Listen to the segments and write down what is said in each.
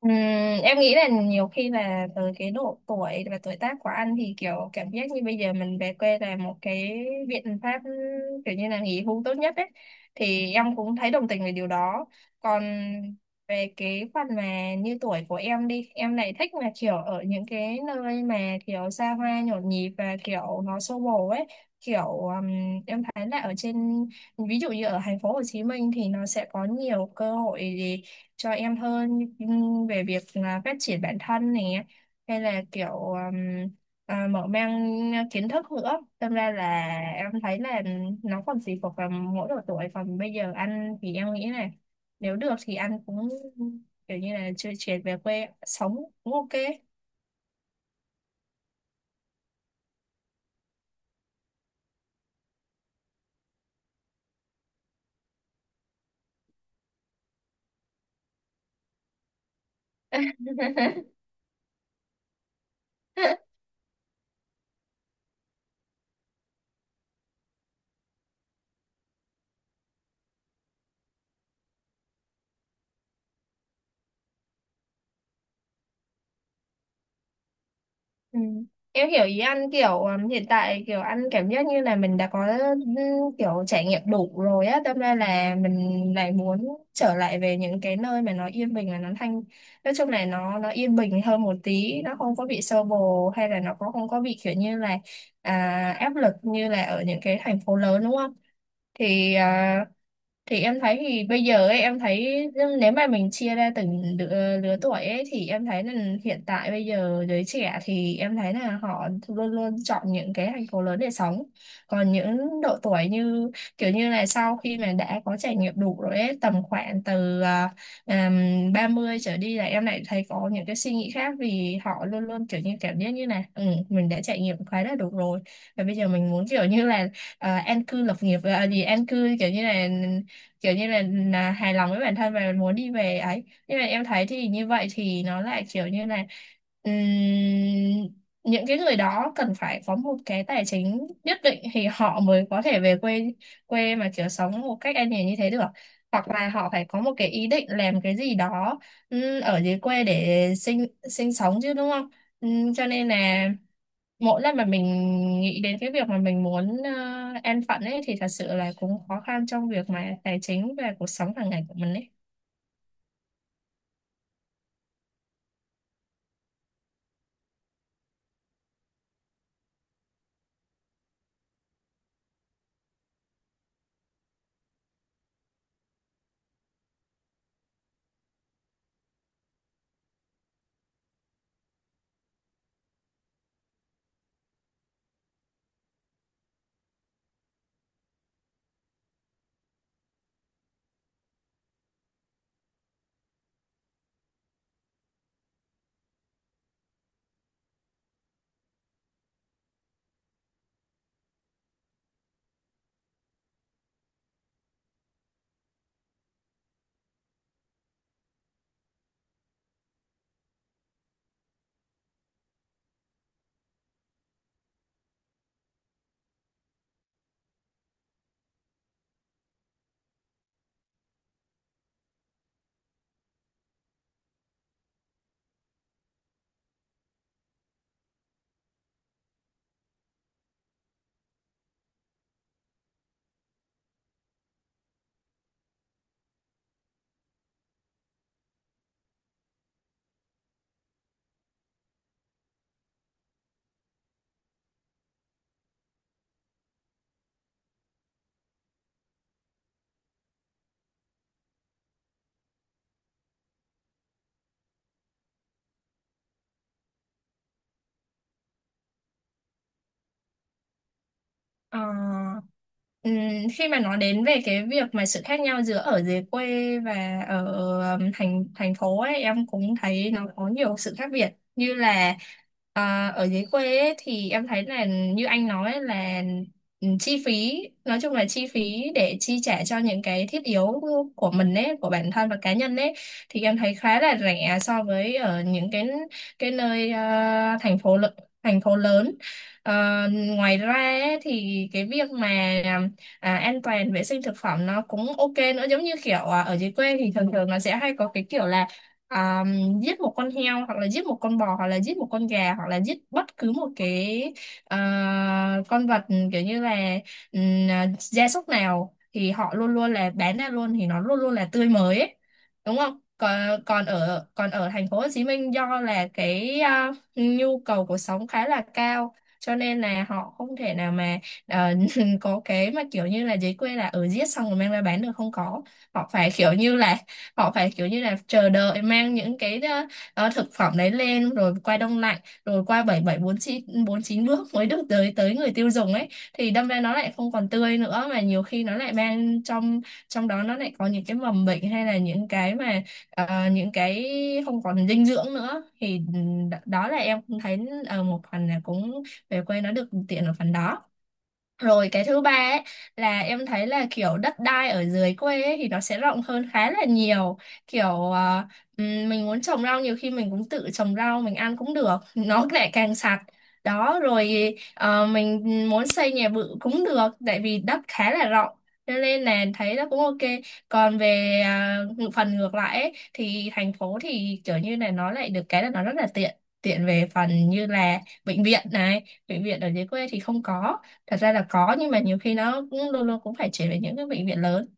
Ừm, em nghĩ là nhiều khi là từ cái độ tuổi và tuổi tác của anh thì kiểu cảm giác như bây giờ mình về quê là một cái biện pháp kiểu như là nghỉ hưu tốt nhất ấy, thì em cũng thấy đồng tình về điều đó. Còn về cái phần mà như tuổi của em đi, em lại thích mà kiểu ở những cái nơi mà kiểu xa hoa nhộn nhịp và kiểu nó xô bồ ấy, kiểu ừm, em thấy là ở trên, ví dụ như ở thành phố Hồ Chí Minh thì nó sẽ có nhiều cơ hội cho em hơn, về việc là phát triển bản thân này, hay là kiểu mở mang kiến thức nữa. Đâm ra là em thấy là nó còn tùy thuộc vào mỗi độ tuổi, còn bây giờ anh thì em nghĩ là nếu được thì anh cũng kiểu như là chưa chuyển về quê sống cũng ok. Ừ. Em hiểu ý ăn kiểu hiện tại kiểu ăn cảm giác như là mình đã có kiểu trải nghiệm đủ rồi á, tâm ra là mình lại muốn trở lại về những cái nơi mà nó yên bình và nó thanh, nói chung là nó yên bình hơn một tí, nó không có bị xô bồ hay là nó cũng không có bị kiểu như là áp lực như là ở những cái thành phố lớn, đúng không? Thì thì em thấy thì bây giờ ấy, em thấy nếu mà mình chia ra từng lứa tuổi ấy thì em thấy là hiện tại bây giờ giới trẻ thì em thấy là họ luôn luôn chọn những cái thành phố lớn để sống. Còn những độ tuổi như kiểu như là sau khi mà đã có trải nghiệm đủ rồi ấy, tầm khoảng từ 30 trở đi là em lại thấy có những cái suy nghĩ khác, vì họ luôn luôn kiểu như cảm giác như là ừ, mình đã trải nghiệm khá là đủ rồi và bây giờ mình muốn kiểu như là an cư lập nghiệp, gì an cư kiểu như là hài lòng với bản thân và muốn đi về ấy. Nhưng mà em thấy thì như vậy thì nó lại kiểu như là ừm, những cái người đó cần phải có một cái tài chính nhất định thì họ mới có thể về quê, quê mà kiểu sống một cách an nhàn như thế được, hoặc là họ phải có một cái ý định làm cái gì đó ở dưới quê để sinh sinh sống chứ, đúng không? Cho nên là mỗi lần mà mình nghĩ đến cái việc mà mình muốn an phận ấy thì thật sự là cũng khó khăn trong việc mà tài chính và cuộc sống hàng ngày của mình ấy. Ờ, ừm, khi mà nói đến về cái việc mà sự khác nhau giữa ở dưới quê và ở thành thành phố ấy, em cũng thấy nó có nhiều sự khác biệt, như là ở dưới quê ấy, thì em thấy là như anh nói ấy là chi phí, nói chung là chi phí để chi trả cho những cái thiết yếu của mình ấy, của bản thân và cá nhân ấy, thì em thấy khá là rẻ so với ở những cái nơi thành phố lớn. Ờ, ngoài ra ấy, thì cái việc mà an toàn vệ sinh thực phẩm nó cũng ok nữa, giống như kiểu ở dưới quê thì thường thường nó sẽ hay có cái kiểu là à, giết một con heo hoặc là giết một con bò hoặc là giết một con gà hoặc là giết bất cứ một cái con vật kiểu như là gia súc nào, thì họ luôn luôn là bán ra luôn thì nó luôn luôn là tươi mới ấy. Đúng không? Còn còn ở còn ở thành phố Hồ Chí Minh, do là cái nhu cầu cuộc sống khá là cao cho nên là họ không thể nào mà ờ, mình có cái mà kiểu như là giấy quê là ở giết xong rồi mang ra bán được, không có. Họ phải kiểu như là họ phải kiểu như là chờ đợi mang những cái thực phẩm đấy lên rồi qua đông lạnh, rồi qua bảy bảy bốn chín bước mới được tới tới người tiêu dùng ấy, thì đâm ra nó lại không còn tươi nữa, mà nhiều khi nó lại mang trong trong đó nó lại có những cái mầm bệnh hay là những cái mà ờ, những cái không còn dinh dưỡng nữa. Thì đó là em cũng thấy ở một phần là cũng về quê nó được tiện ở phần đó. Rồi cái thứ ba ấy là em thấy là kiểu đất đai ở dưới quê ấy, thì nó sẽ rộng hơn khá là nhiều. Kiểu mình muốn trồng rau, nhiều khi mình cũng tự trồng rau mình ăn cũng được, nó lại càng sạch. Đó, rồi mình muốn xây nhà bự cũng được, tại vì đất khá là rộng. Cho nên là thấy nó cũng ok. Còn về phần ngược lại ấy, thì thành phố thì kiểu như là nó lại được cái là nó rất là tiện. Tiện về phần như là bệnh viện này, bệnh viện ở dưới quê thì không có, thật ra là có nhưng mà nhiều khi nó cũng luôn luôn cũng phải chuyển về những cái bệnh viện lớn.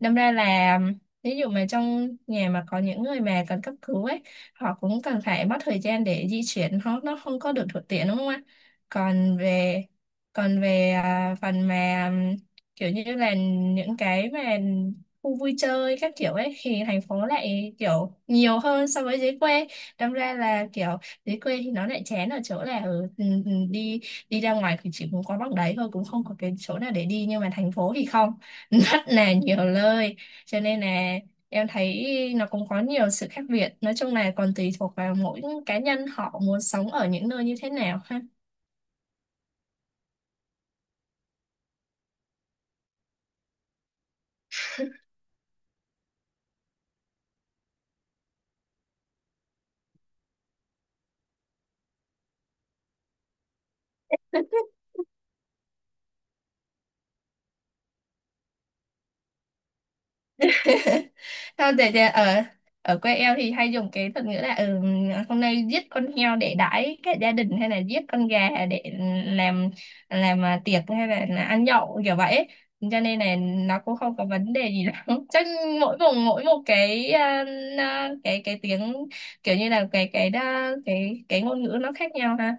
Đâm ra là ví dụ mà trong nhà mà có những người mà cần cấp cứu ấy, họ cũng cần phải mất thời gian để di chuyển, họ nó không có được thuận tiện đúng không ạ? Còn về còn về phần mà kiểu như là những cái mà khu vui chơi các kiểu ấy, thì thành phố lại kiểu nhiều hơn so với dưới quê. Đâm ra là kiểu dưới quê thì nó lại chán ở chỗ là đi đi ra ngoài thì chỉ muốn có bằng đấy thôi cũng không có cái chỗ nào để đi, nhưng mà thành phố thì không, rất là nhiều nơi. Cho nên là em thấy nó cũng có nhiều sự khác biệt, nói chung là còn tùy thuộc vào mỗi cá nhân họ muốn sống ở những nơi như thế nào ha. Không, tại ra ở ở quê em thì hay dùng cái thuật ngữ là ừ, hôm nay giết con heo để đãi cả gia đình, hay là giết con gà để làm tiệc, hay là ăn nhậu kiểu vậy. Cho nên là nó cũng không có vấn đề gì lắm chắc mỗi vùng mỗi một cái cái tiếng kiểu như là cái cái ngôn ngữ nó khác nhau ha.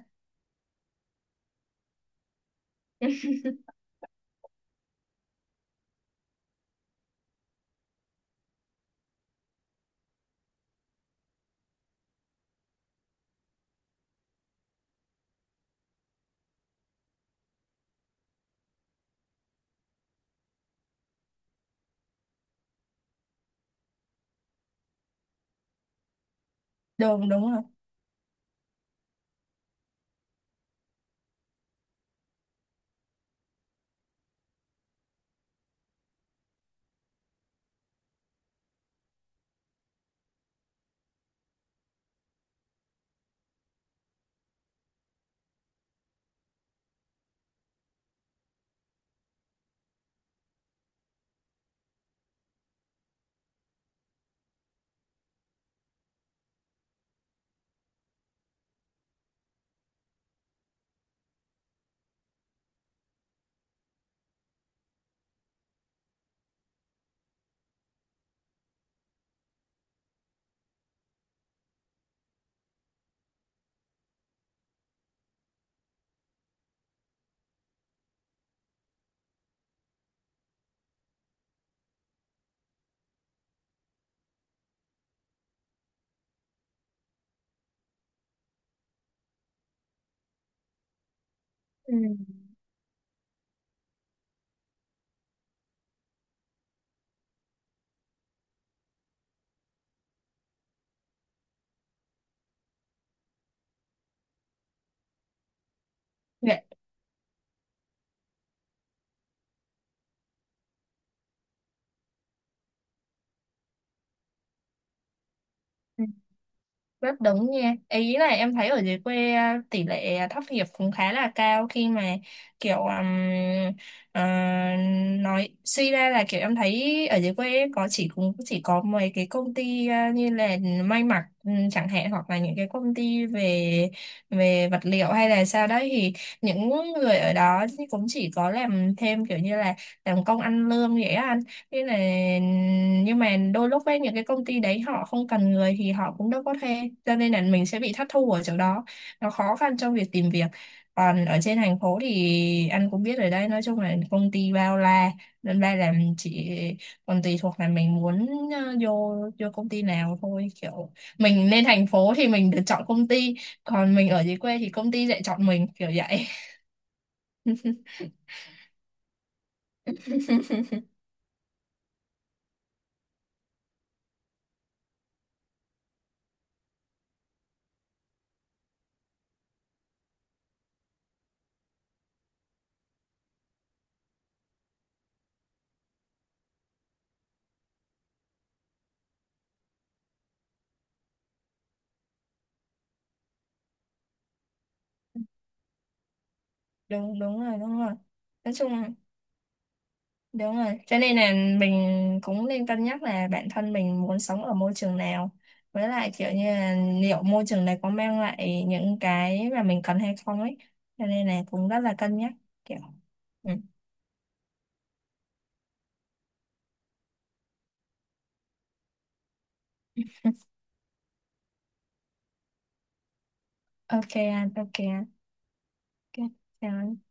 Đúng, đúng rồi. Ừ. Vậy. Rất đúng nha, ý là em thấy ở dưới quê tỷ lệ thất nghiệp cũng khá là cao khi mà kiểu ờ, nói suy ra là kiểu em thấy ở dưới quê có chỉ cũng chỉ có mấy cái công ty như là may mặc ừ, chẳng hạn, hoặc là những cái công ty về về vật liệu hay là sao đấy, thì những người ở đó cũng chỉ có làm thêm kiểu như là làm công ăn lương vậy á anh. Thế là nhưng mà đôi lúc ấy những cái công ty đấy họ không cần người thì họ cũng đâu có thuê, cho nên là mình sẽ bị thất thu ở chỗ đó, nó khó khăn trong việc tìm việc. Còn ở trên thành phố thì anh cũng biết rồi đấy, nói chung là công ty bao la, nên ra là mình chỉ còn tùy thuộc là mình muốn vô vô công ty nào thôi. Kiểu mình lên thành phố thì mình được chọn công ty, còn mình ở dưới quê thì công ty lại chọn mình kiểu vậy. Đúng, đúng rồi, đúng rồi. Nói chung, đúng rồi, cho nên là mình cũng nên cân nhắc là bản thân mình muốn sống ở môi trường nào. Với lại kiểu như là liệu môi trường này có mang lại những cái mà mình cần hay không ấy. Cho nên là cũng rất là cân nhắc kiểu. Ừ. Ok anh, ok anh. Ok, chào anh.